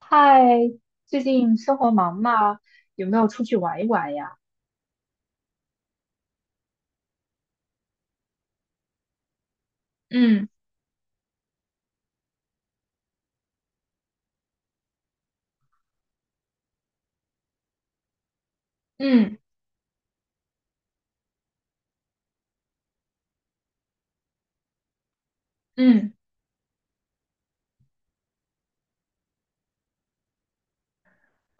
嗨，最近生活忙吗？有没有出去玩一玩呀？嗯嗯嗯。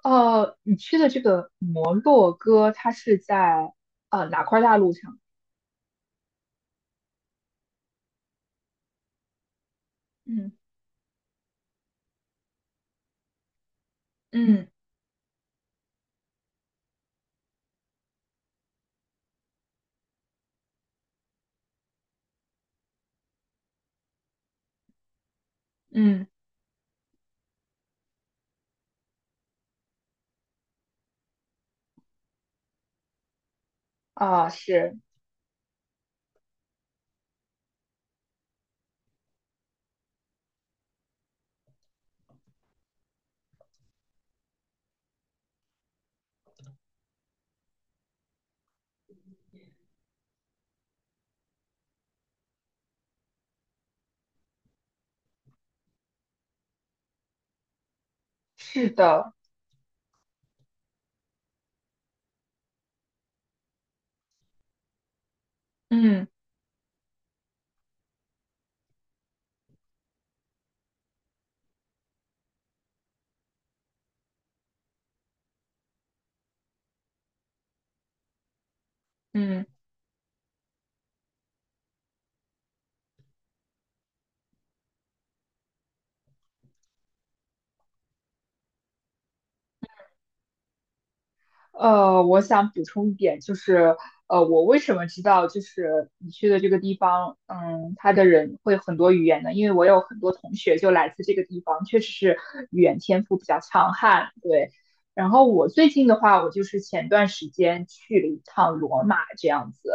哦，你去的这个摩洛哥，它是在哪块大陆上？嗯嗯嗯。啊、是。是的。嗯嗯。我想补充一点，就是我为什么知道就是你去的这个地方，他的人会很多语言呢？因为我有很多同学就来自这个地方，确实是语言天赋比较强悍，对。然后我最近的话，我就是前段时间去了一趟罗马这样子，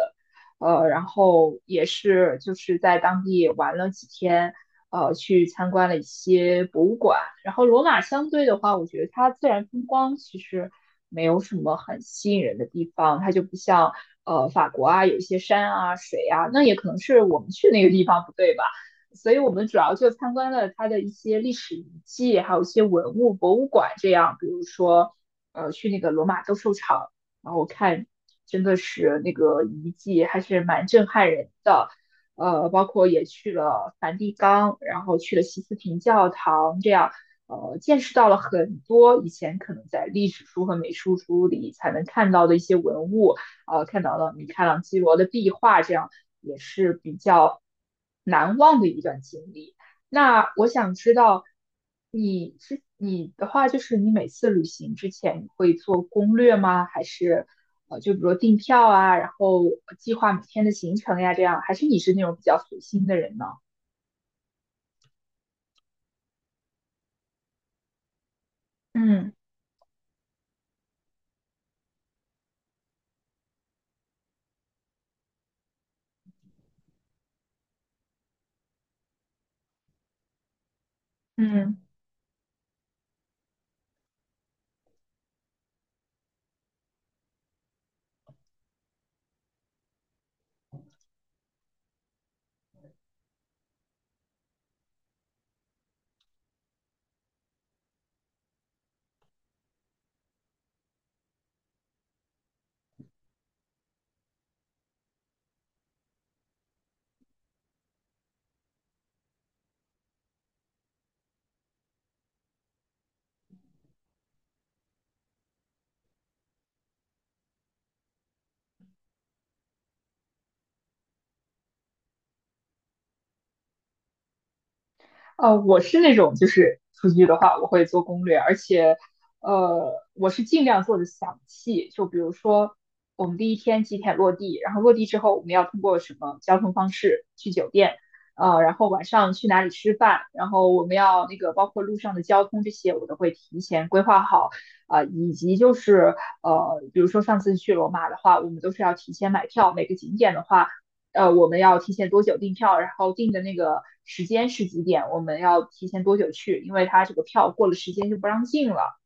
然后也是就是在当地玩了几天，去参观了一些博物馆。然后罗马相对的话，我觉得它自然风光其实没有什么很吸引人的地方，它就不像法国啊，有一些山啊、水啊，那也可能是我们去那个地方不对吧。所以我们主要就参观了它的一些历史遗迹，还有一些文物博物馆，这样，比如说，去那个罗马斗兽场，然后我看真的是那个遗迹还是蛮震撼人的，包括也去了梵蒂冈，然后去了西斯廷教堂，这样见识到了很多以前可能在历史书和美术书里才能看到的一些文物，看到了米开朗基罗的壁画，这样也是比较难忘的一段经历。那我想知道你的话，就是你每次旅行之前你会做攻略吗？还是就比如订票啊，然后计划每天的行程呀，这样？还是你是那种比较随心的人呢？嗯嗯。我是那种就是出去的话，我会做攻略，而且我是尽量做的详细。就比如说，我们第一天几点落地，然后落地之后我们要通过什么交通方式去酒店，然后晚上去哪里吃饭，然后我们要那个包括路上的交通这些，我都会提前规划好。啊、以及就是比如说上次去罗马的话，我们都是要提前买票，每个景点的话。我们要提前多久订票，然后订的那个时间是几点，我们要提前多久去，因为他这个票过了时间就不让进了。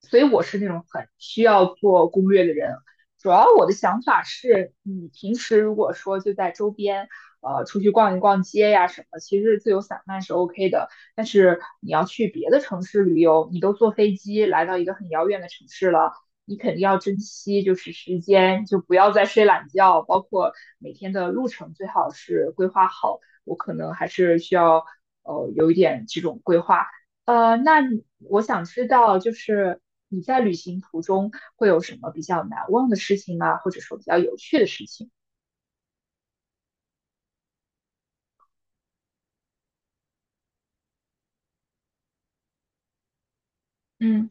所以我是那种很需要做攻略的人。主要我的想法是，你平时如果说就在周边，出去逛一逛街呀什么，其实自由散漫是 OK 的。但是你要去别的城市旅游，你都坐飞机来到一个很遥远的城市了，你肯定要珍惜就是时间，就不要再睡懒觉，包括每天的路程最好是规划好。我可能还是需要有一点这种规划。那你我想知道，就是你在旅行途中会有什么比较难忘的事情吗？或者说比较有趣的事情？嗯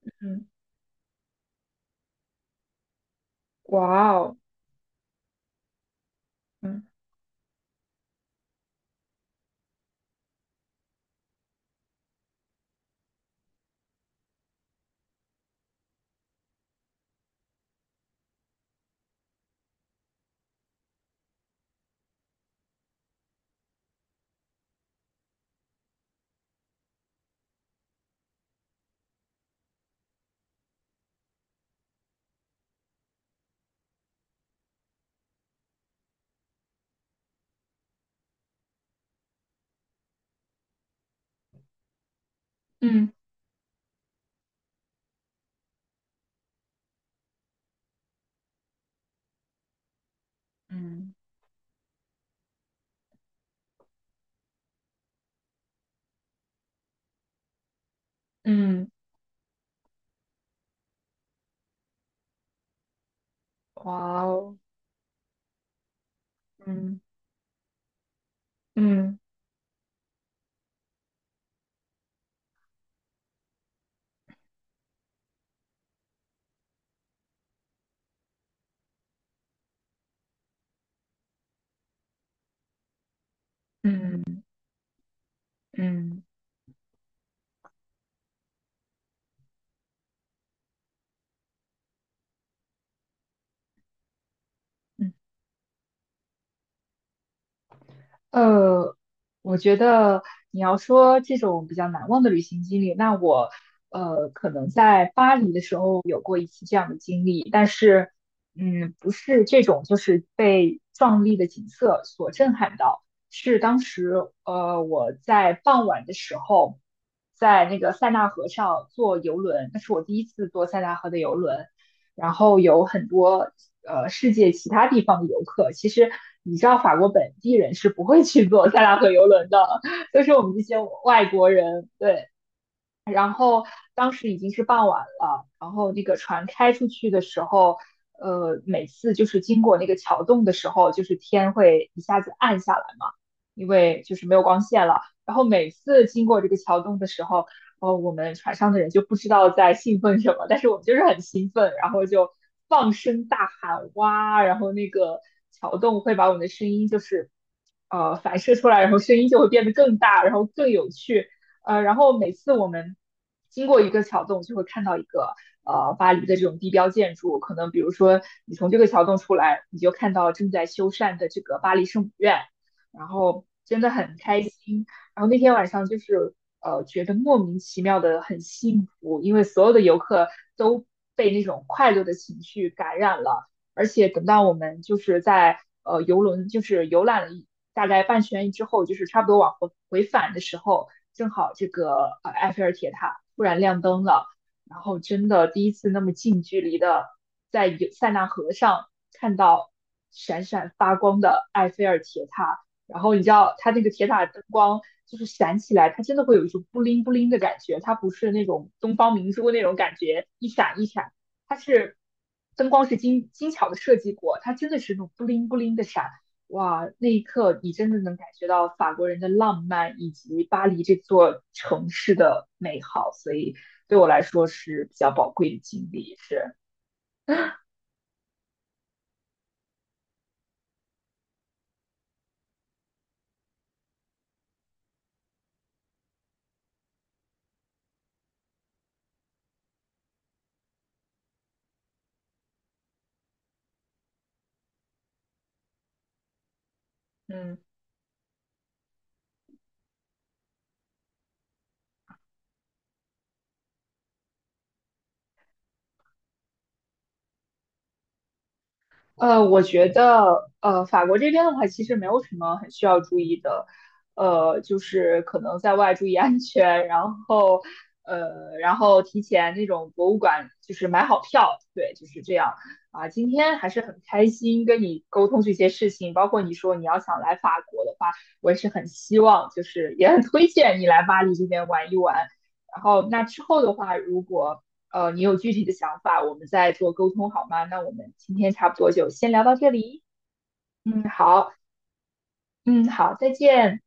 嗯。哇哦。嗯嗯嗯。嗯。哇哦。嗯嗯嗯嗯嗯。呃，我觉得你要说这种比较难忘的旅行经历，那我可能在巴黎的时候有过一次这样的经历，但是不是这种就是被壮丽的景色所震撼到，是当时我在傍晚的时候，在那个塞纳河上坐游轮，那是我第一次坐塞纳河的游轮，然后有很多世界其他地方的游客，其实你知道法国本地人是不会去坐塞纳河游轮的，都是我们这些外国人，对，然后当时已经是傍晚了，然后那个船开出去的时候，每次就是经过那个桥洞的时候，就是天会一下子暗下来嘛，因为就是没有光线了。然后每次经过这个桥洞的时候，哦，我们船上的人就不知道在兴奋什么，但是我们就是很兴奋，然后就放声大喊哇，然后那个桥洞会把我们的声音就是反射出来，然后声音就会变得更大，然后更有趣。然后每次我们经过一个桥洞，就会看到一个巴黎的这种地标建筑，可能比如说你从这个桥洞出来，你就看到正在修缮的这个巴黎圣母院，然后真的很开心。然后那天晚上就是觉得莫名其妙的很幸福，因为所有的游客都被那种快乐的情绪感染了。而且等到我们就是在游轮就是游览了一大概半圈之后，就是差不多往回回返的时候，正好这个埃菲尔铁塔突然亮灯了，然后真的第一次那么近距离的在有塞纳河上看到闪闪发光的埃菲尔铁塔，然后你知道它那个铁塔灯光。就是闪起来，它真的会有一种布灵布灵的感觉，它不是那种东方明珠那种感觉，一闪一闪，它是灯光是精精巧的设计过，它真的是那种布灵布灵的闪，哇，那一刻你真的能感觉到法国人的浪漫以及巴黎这座城市的美好，所以对我来说是比较宝贵的经历，是，嗯。我觉得，法国这边的话，其实没有什么很需要注意的，就是可能在外注意安全，然后，然后提前那种博物馆就是买好票，对，就是这样啊。今天还是很开心跟你沟通这些事情，包括你说你要想来法国的话，我也是很希望，就是也很推荐你来巴黎这边玩一玩。然后，那之后的话，如果你有具体的想法，我们再做沟通好吗？那我们今天差不多就先聊到这里。嗯，好，嗯，好，再见。